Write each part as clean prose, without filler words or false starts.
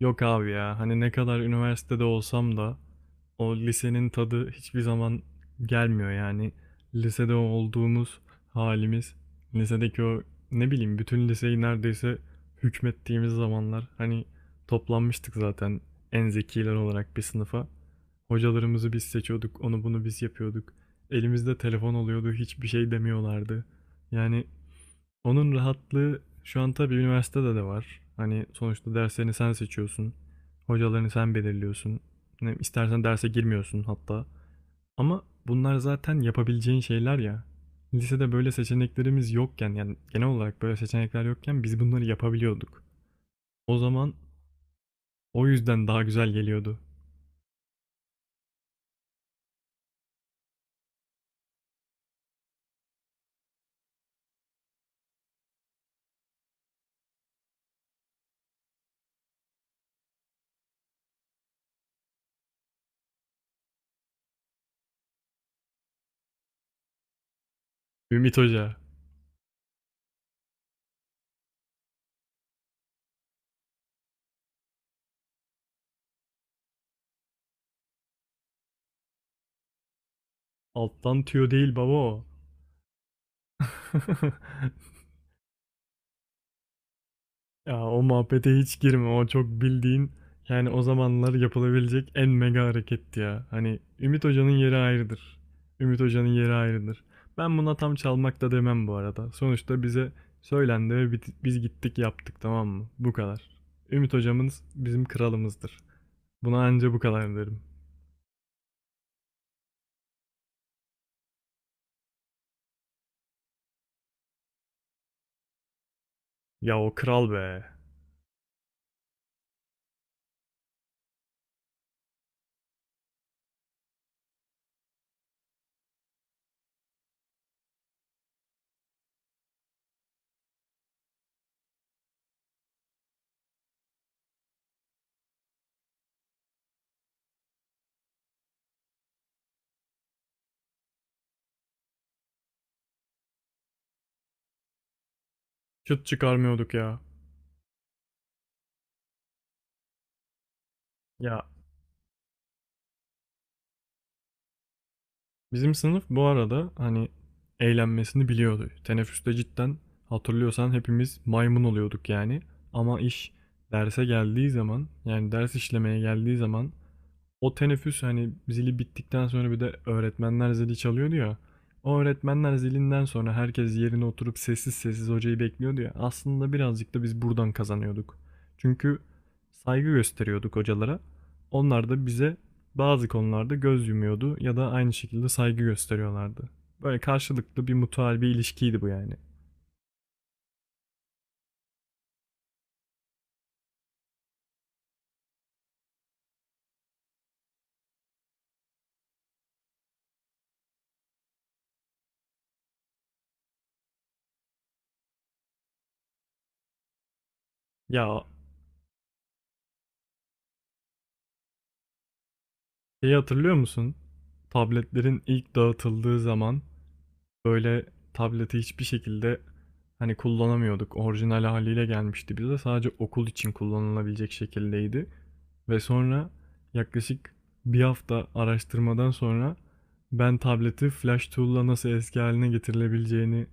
Yok abi ya hani ne kadar üniversitede olsam da o lisenin tadı hiçbir zaman gelmiyor yani. Lisede olduğumuz halimiz, lisedeki o ne bileyim bütün liseyi neredeyse hükmettiğimiz zamanlar hani toplanmıştık zaten en zekiler olarak bir sınıfa. Hocalarımızı biz seçiyorduk, onu bunu biz yapıyorduk. Elimizde telefon oluyordu, hiçbir şey demiyorlardı. Yani onun rahatlığı şu an tabii üniversitede de var. Hani sonuçta derslerini sen seçiyorsun. Hocalarını sen belirliyorsun. Ne, istersen derse girmiyorsun hatta. Ama bunlar zaten yapabileceğin şeyler ya. Lisede böyle seçeneklerimiz yokken yani genel olarak böyle seçenekler yokken biz bunları yapabiliyorduk. O zaman o yüzden daha güzel geliyordu. Ümit Hoca. Alttan tüyo değil baba o. Ya o muhabbete hiç girme. O çok bildiğin yani o zamanlar yapılabilecek en mega hareketti ya. Hani Ümit Hoca'nın yeri ayrıdır. Ümit Hoca'nın yeri ayrıdır. Ben buna tam çalmak da demem bu arada. Sonuçta bize söylendi ve biz gittik yaptık, tamam mı? Bu kadar. Ümit Hocamız bizim kralımızdır. Buna anca bu kadar derim. Ya o kral be. Şut çıkarmıyorduk ya. Ya, bizim sınıf bu arada hani eğlenmesini biliyordu. Teneffüste cidden hatırlıyorsan hepimiz maymun oluyorduk yani. Ama iş derse geldiği zaman yani ders işlemeye geldiği zaman o teneffüs, hani, zili bittikten sonra bir de öğretmenler zili çalıyordu ya, o öğretmenler zilinden sonra herkes yerine oturup sessiz sessiz hocayı bekliyordu ya, aslında birazcık da biz buradan kazanıyorduk. Çünkü saygı gösteriyorduk hocalara. Onlar da bize bazı konularda göz yumuyordu ya da aynı şekilde saygı gösteriyorlardı. Böyle karşılıklı bir mutual bir ilişkiydi bu yani. Ya, şeyi hatırlıyor musun? Tabletlerin ilk dağıtıldığı zaman böyle tableti hiçbir şekilde hani kullanamıyorduk. Orijinal haliyle gelmişti bize. Sadece okul için kullanılabilecek şekildeydi. Ve sonra yaklaşık bir hafta araştırmadan sonra ben tableti Flash Tool'la nasıl eski haline getirilebileceğini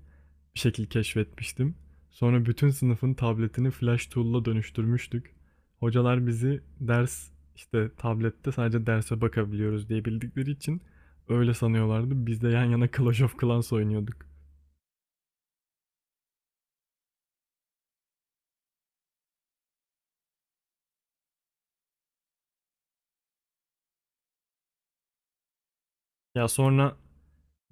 bir şekil keşfetmiştim. Sonra bütün sınıfın tabletini flash tool'la dönüştürmüştük. Hocalar bizi ders işte tablette sadece derse bakabiliyoruz diye bildikleri için öyle sanıyorlardı. Biz de yan yana Clash of Clans oynuyorduk. Ya sonra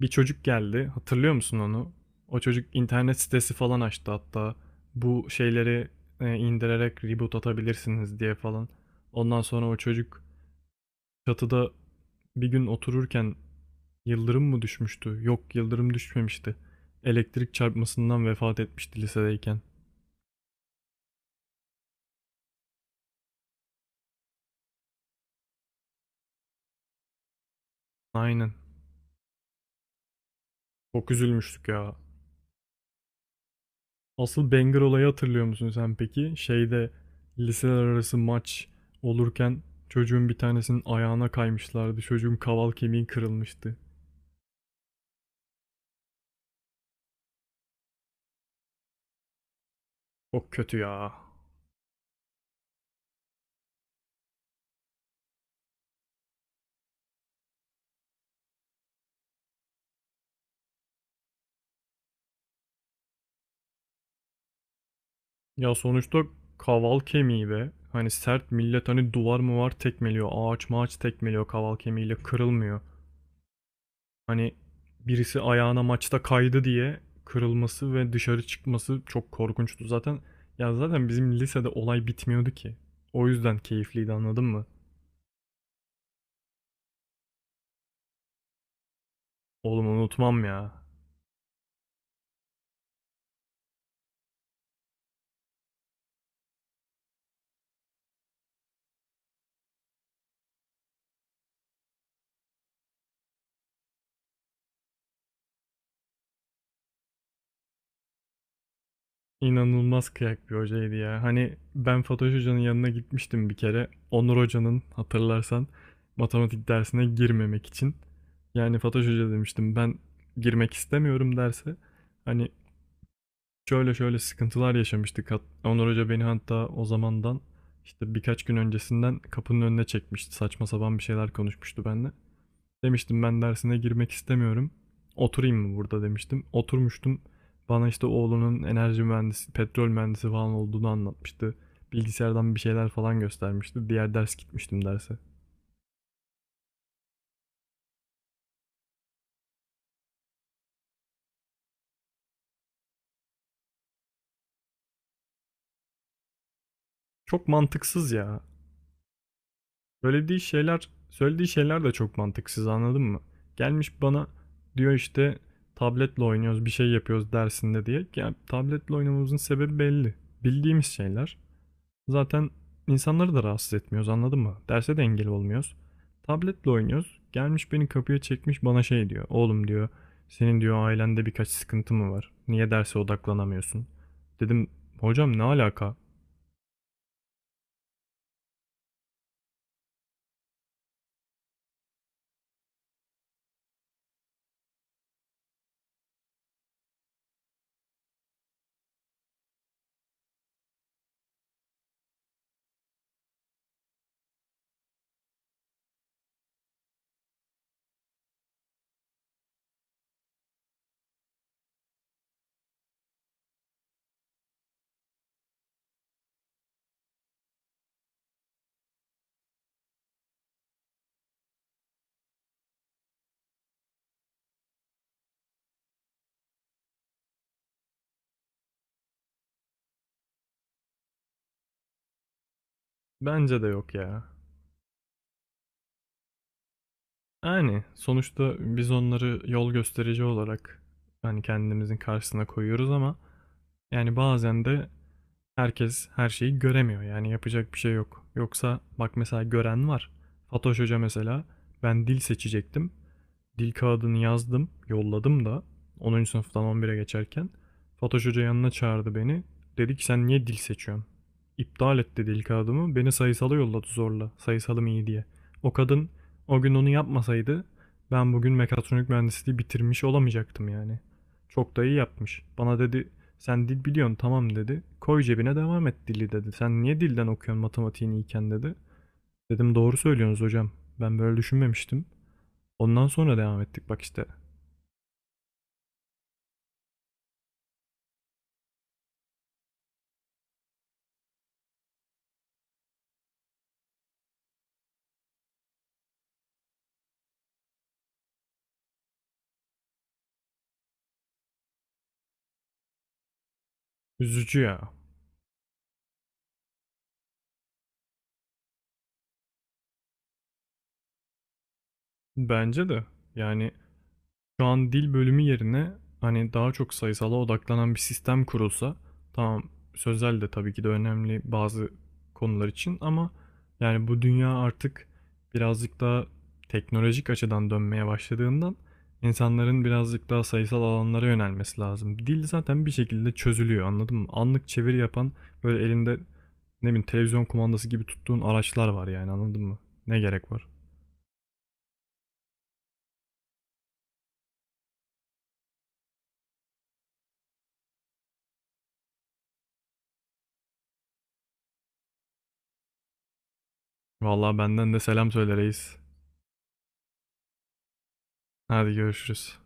bir çocuk geldi. Hatırlıyor musun onu? O çocuk internet sitesi falan açtı hatta. Bu şeyleri indirerek reboot atabilirsiniz diye falan. Ondan sonra o çocuk çatıda bir gün otururken yıldırım mı düşmüştü? Yok, yıldırım düşmemişti. Elektrik çarpmasından vefat etmişti lisedeyken. Aynen. Çok üzülmüştük ya. Asıl banger olayı hatırlıyor musun sen peki? Şeyde liseler arası maç olurken çocuğun bir tanesinin ayağına kaymışlardı. Çocuğun kaval kemiği kırılmıştı. Çok kötü ya. Ya sonuçta kaval kemiği be. Hani sert millet hani duvar mı var tekmeliyor. Ağaç mağaç tekmeliyor kaval kemiğiyle kırılmıyor. Hani birisi ayağına maçta kaydı diye kırılması ve dışarı çıkması çok korkunçtu zaten. Ya zaten bizim lisede olay bitmiyordu ki. O yüzden keyifliydi, anladın mı? Oğlum unutmam ya. İnanılmaz kıyak bir hocaydı ya. Hani ben Fatoş Hoca'nın yanına gitmiştim bir kere. Onur Hoca'nın hatırlarsan matematik dersine girmemek için. Yani Fatoş Hoca demiştim ben, girmek istemiyorum derse. Hani şöyle şöyle sıkıntılar yaşamıştık. Onur Hoca beni hatta o zamandan işte birkaç gün öncesinden kapının önüne çekmişti. Saçma sapan bir şeyler konuşmuştu benimle. Demiştim ben dersine girmek istemiyorum. Oturayım mı burada demiştim. Oturmuştum. Bana işte oğlunun enerji mühendisi, petrol mühendisi falan olduğunu anlatmıştı. Bilgisayardan bir şeyler falan göstermişti. Diğer ders gitmiştim derse. Çok mantıksız ya. Söylediği şeyler de çok mantıksız, anladın mı? Gelmiş bana diyor işte tabletle oynuyoruz, bir şey yapıyoruz dersinde diye. Ya tabletle oynamamızın sebebi belli. Bildiğimiz şeyler. Zaten insanları da rahatsız etmiyoruz, anladın mı? Derse de engel olmuyoruz. Tabletle oynuyoruz. Gelmiş beni kapıya çekmiş bana şey diyor. Oğlum diyor, senin diyor ailende birkaç sıkıntı mı var? Niye derse odaklanamıyorsun? Dedim hocam ne alaka? Bence de yok ya. Yani sonuçta biz onları yol gösterici olarak hani kendimizin karşısına koyuyoruz ama yani bazen de herkes her şeyi göremiyor. Yani yapacak bir şey yok. Yoksa bak mesela gören var. Fatoş Hoca mesela, ben dil seçecektim. Dil kağıdını yazdım, yolladım da 10. sınıftan 11'e geçerken Fatoş Hoca yanına çağırdı beni. Dedi ki sen niye dil seçiyorsun? İptal etti dil kağıdımı. Beni sayısala yolladı zorla. Sayısalım iyi diye. O kadın o gün onu yapmasaydı ben bugün mekatronik mühendisliği bitirmiş olamayacaktım yani. Çok da iyi yapmış. Bana dedi sen dil biliyorsun tamam dedi. Koy cebine devam et dili dedi. Sen niye dilden okuyorsun matematiğini iyiken dedi. Dedim doğru söylüyorsunuz hocam. Ben böyle düşünmemiştim. Ondan sonra devam ettik bak işte. Üzücü ya. Bence de. Yani şu an dil bölümü yerine hani daha çok sayısala odaklanan bir sistem kurulsa, tamam, sözel de tabii ki de önemli bazı konular için ama yani bu dünya artık birazcık daha teknolojik açıdan dönmeye başladığından insanların birazcık daha sayısal alanlara yönelmesi lazım. Dil zaten bir şekilde çözülüyor, anladın mı? Anlık çeviri yapan böyle elinde ne bileyim televizyon kumandası gibi tuttuğun araçlar var yani, anladın mı? Ne gerek var? Vallahi benden de selam söyle reis. Hadi görüşürüz.